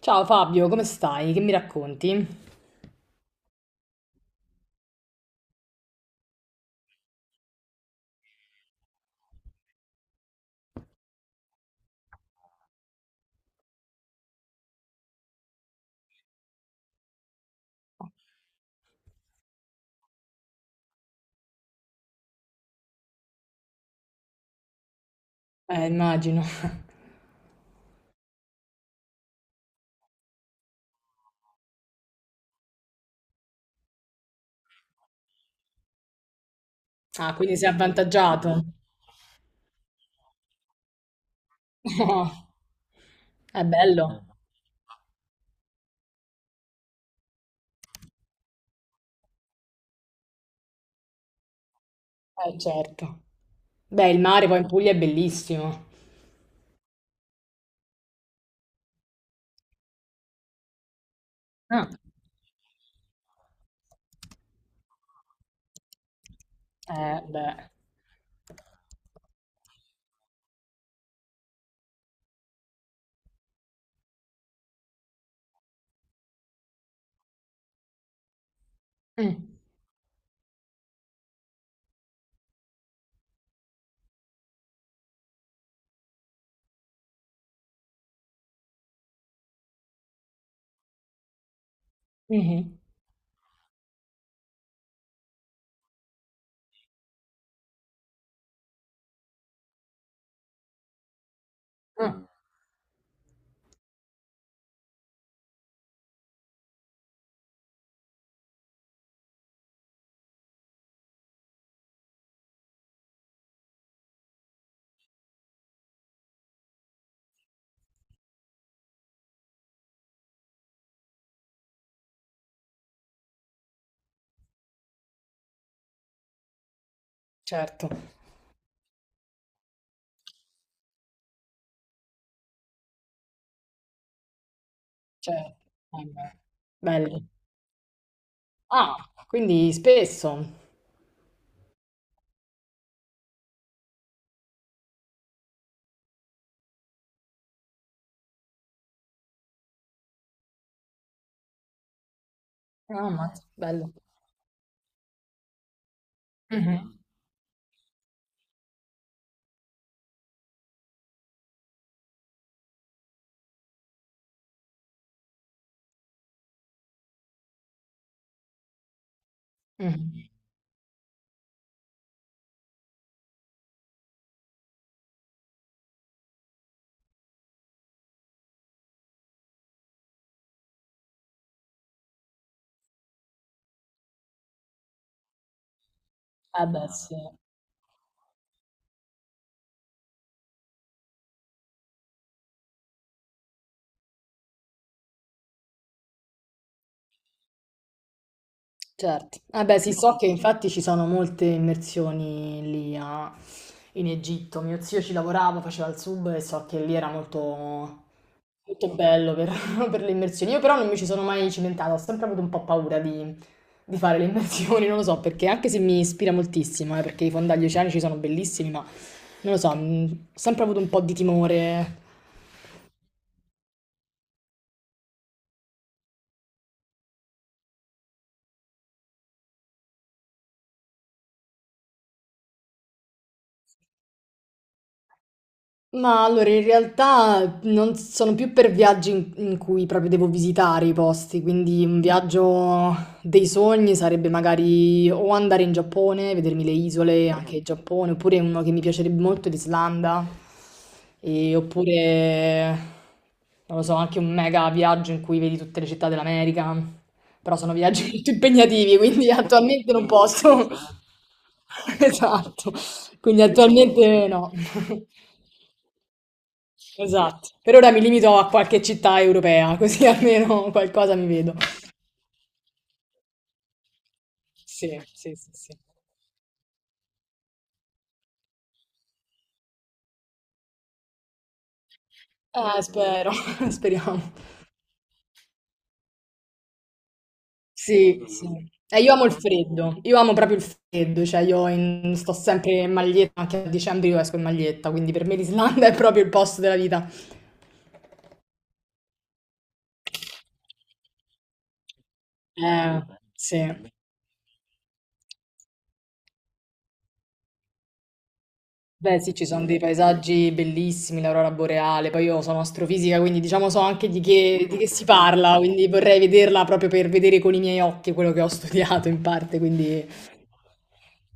Ciao Fabio, come stai? Che mi racconti? Immagino. Ah, quindi sei avvantaggiato. È bello. Certo. Beh, il mare poi in Puglia è bellissimo. Ah. Beh. Mm. Mhm. Ah. Certo, certo. Eh beh, bello. Ah, quindi spesso. Ah, ammazza, bello. Mhm, mhm. Eh beh, sì, certo. Eh beh, sì, so che infatti ci sono molte immersioni lì in Egitto. Mio zio ci lavorava, faceva il sub e so che lì era molto molto bello per, per le immersioni. Io però non mi ci sono mai cimentata, ho sempre avuto un po' paura di fare le immersioni, non lo so, perché anche se mi ispira moltissimo, perché i fondagli oceanici sono bellissimi, ma non lo so, ho sempre avuto un po' di timore. Ma allora, in realtà non sono più per viaggi in cui proprio devo visitare i posti, quindi un viaggio dei sogni sarebbe magari o andare in Giappone, vedermi le isole, anche il Giappone, oppure uno che mi piacerebbe molto, l'Islanda, e oppure, non lo so, anche un mega viaggio in cui vedi tutte le città dell'America, però sono viaggi molto impegnativi, quindi attualmente non posso. Esatto, quindi attualmente no. Esatto. Per ora mi limito a qualche città europea, così almeno qualcosa mi vedo. Sì, sì, sì, sì. Spero, speriamo. Sì, sì. Io amo il freddo, io amo proprio il freddo, cioè io sto sempre in maglietta, anche a dicembre io esco in maglietta, quindi per me l'Islanda è proprio il posto della vita. Eh, sì. Beh, sì, ci sono dei paesaggi bellissimi, l'aurora boreale, poi io sono astrofisica, quindi diciamo so anche di che si parla, quindi vorrei vederla proprio per vedere con i miei occhi quello che ho studiato in parte, quindi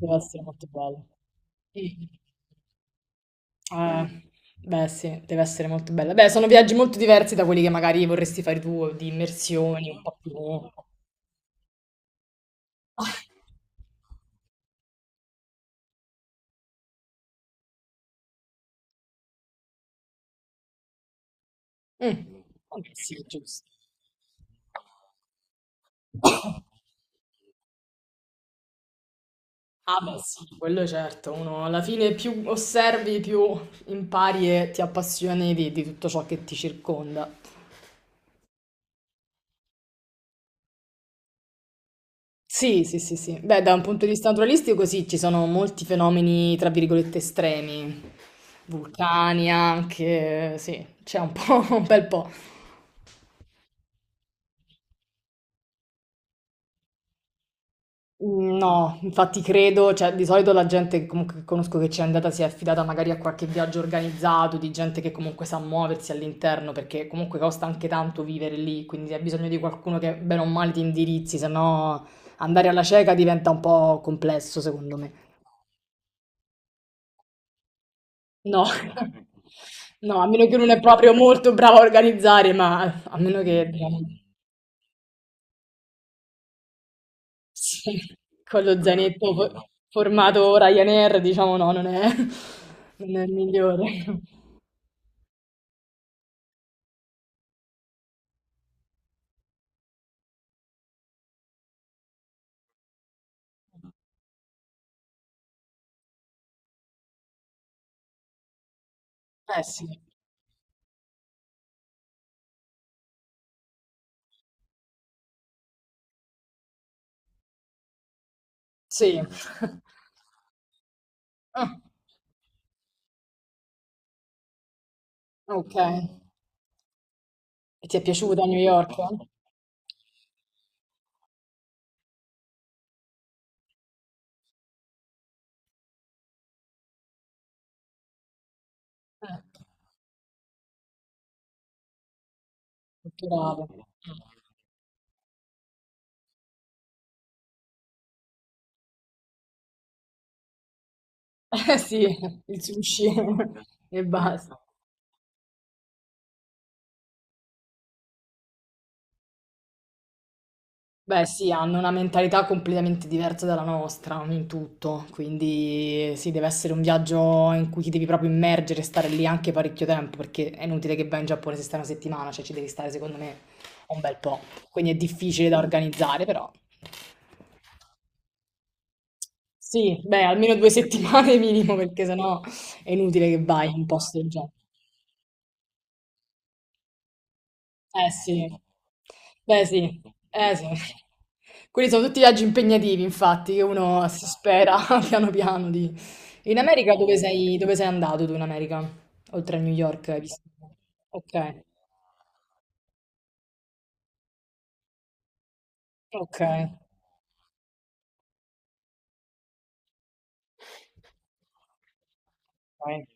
deve essere molto bello. Sì. Eh, beh, sì, deve essere molto bella. Beh, sono viaggi molto diversi da quelli che magari vorresti fare tu, di immersioni, un po' più. Mm, vabbè, sì, giusto. Ah, beh, sì, quello è certo. Uno alla fine più osservi, più impari e ti appassioni di tutto ciò che ti circonda. Sì, sì, sì, sì. Beh, da un punto di vista naturalistico, sì, ci sono molti fenomeni, tra virgolette, estremi. Vulcani anche, sì, c'è un po', un bel po'. Mm, no, infatti credo, cioè di solito la gente comunque che conosco che ci è andata si è affidata magari a qualche viaggio organizzato, di gente che comunque sa muoversi all'interno, perché comunque costa anche tanto vivere lì, quindi hai bisogno di qualcuno che bene o male ti indirizzi, se no andare alla cieca diventa un po' complesso secondo me. No, no, a meno che non è proprio molto bravo a organizzare, ma a meno che diciamo, sì, con lo zainetto formato Ryanair, diciamo no, non è il migliore. Eh sì, sì. Mh, okay. E ti è piaciuta New York? Eh, culturale. Mh. Sì, il sushi e basta. Beh sì, hanno una mentalità completamente diversa dalla nostra in tutto, quindi sì, deve essere un viaggio in cui ti devi proprio immergere, e stare lì anche parecchio tempo, perché è inutile che vai in Giappone se stai una settimana, cioè ci devi stare secondo me un bel po'. Quindi è difficile da organizzare. Però sì, beh, almeno 2 settimane minimo, perché sennò è inutile che vai in un posto del genere. Eh sì, beh sì, eh sì. Quelli sono tutti viaggi impegnativi, infatti, che uno si spera piano piano di. In America dove sei, andato tu in America? Oltre a New York, hai visto? Ok, ok, ok.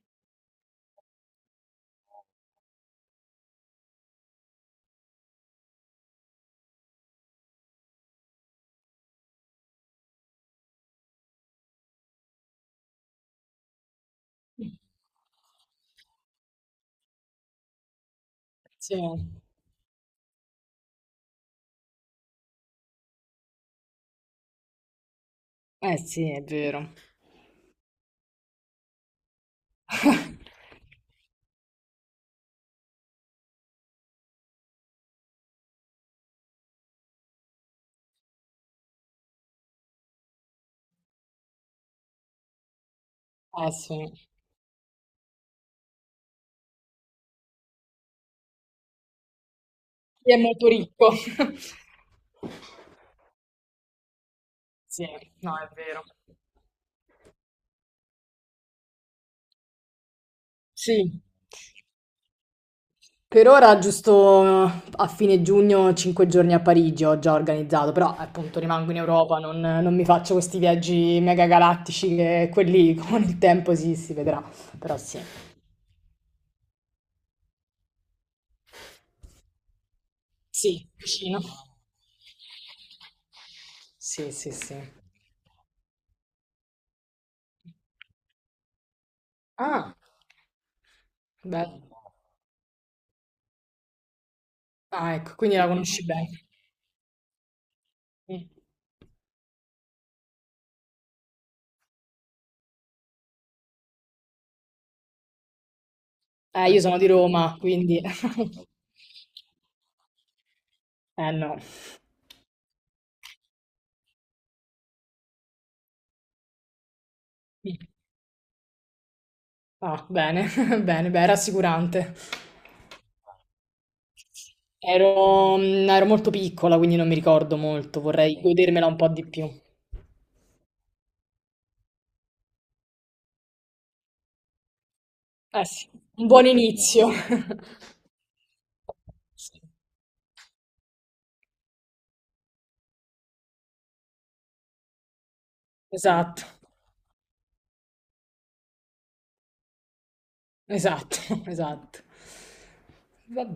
Sì. Eh sì, è vero. Eh sì. Chi è molto ricco. Sì, no, è vero. Sì. Per ora, giusto a fine giugno, 5 giorni a Parigi ho già organizzato, però appunto rimango in Europa, non mi faccio questi viaggi mega galattici che quelli con il tempo sì, si vedrà, però sì. Sì, vicino. Sì, sì, sì. Ah, bello. Ah, ecco, quindi la conosci bene. Mm. Io sono di Roma, quindi. Eh no. Ah, bene, bene, beh, rassicurante. Ero molto piccola, quindi non mi ricordo molto, vorrei godermela un po' di più. Eh sì, un buon inizio. Sì, esatto, esatto, esatto. Va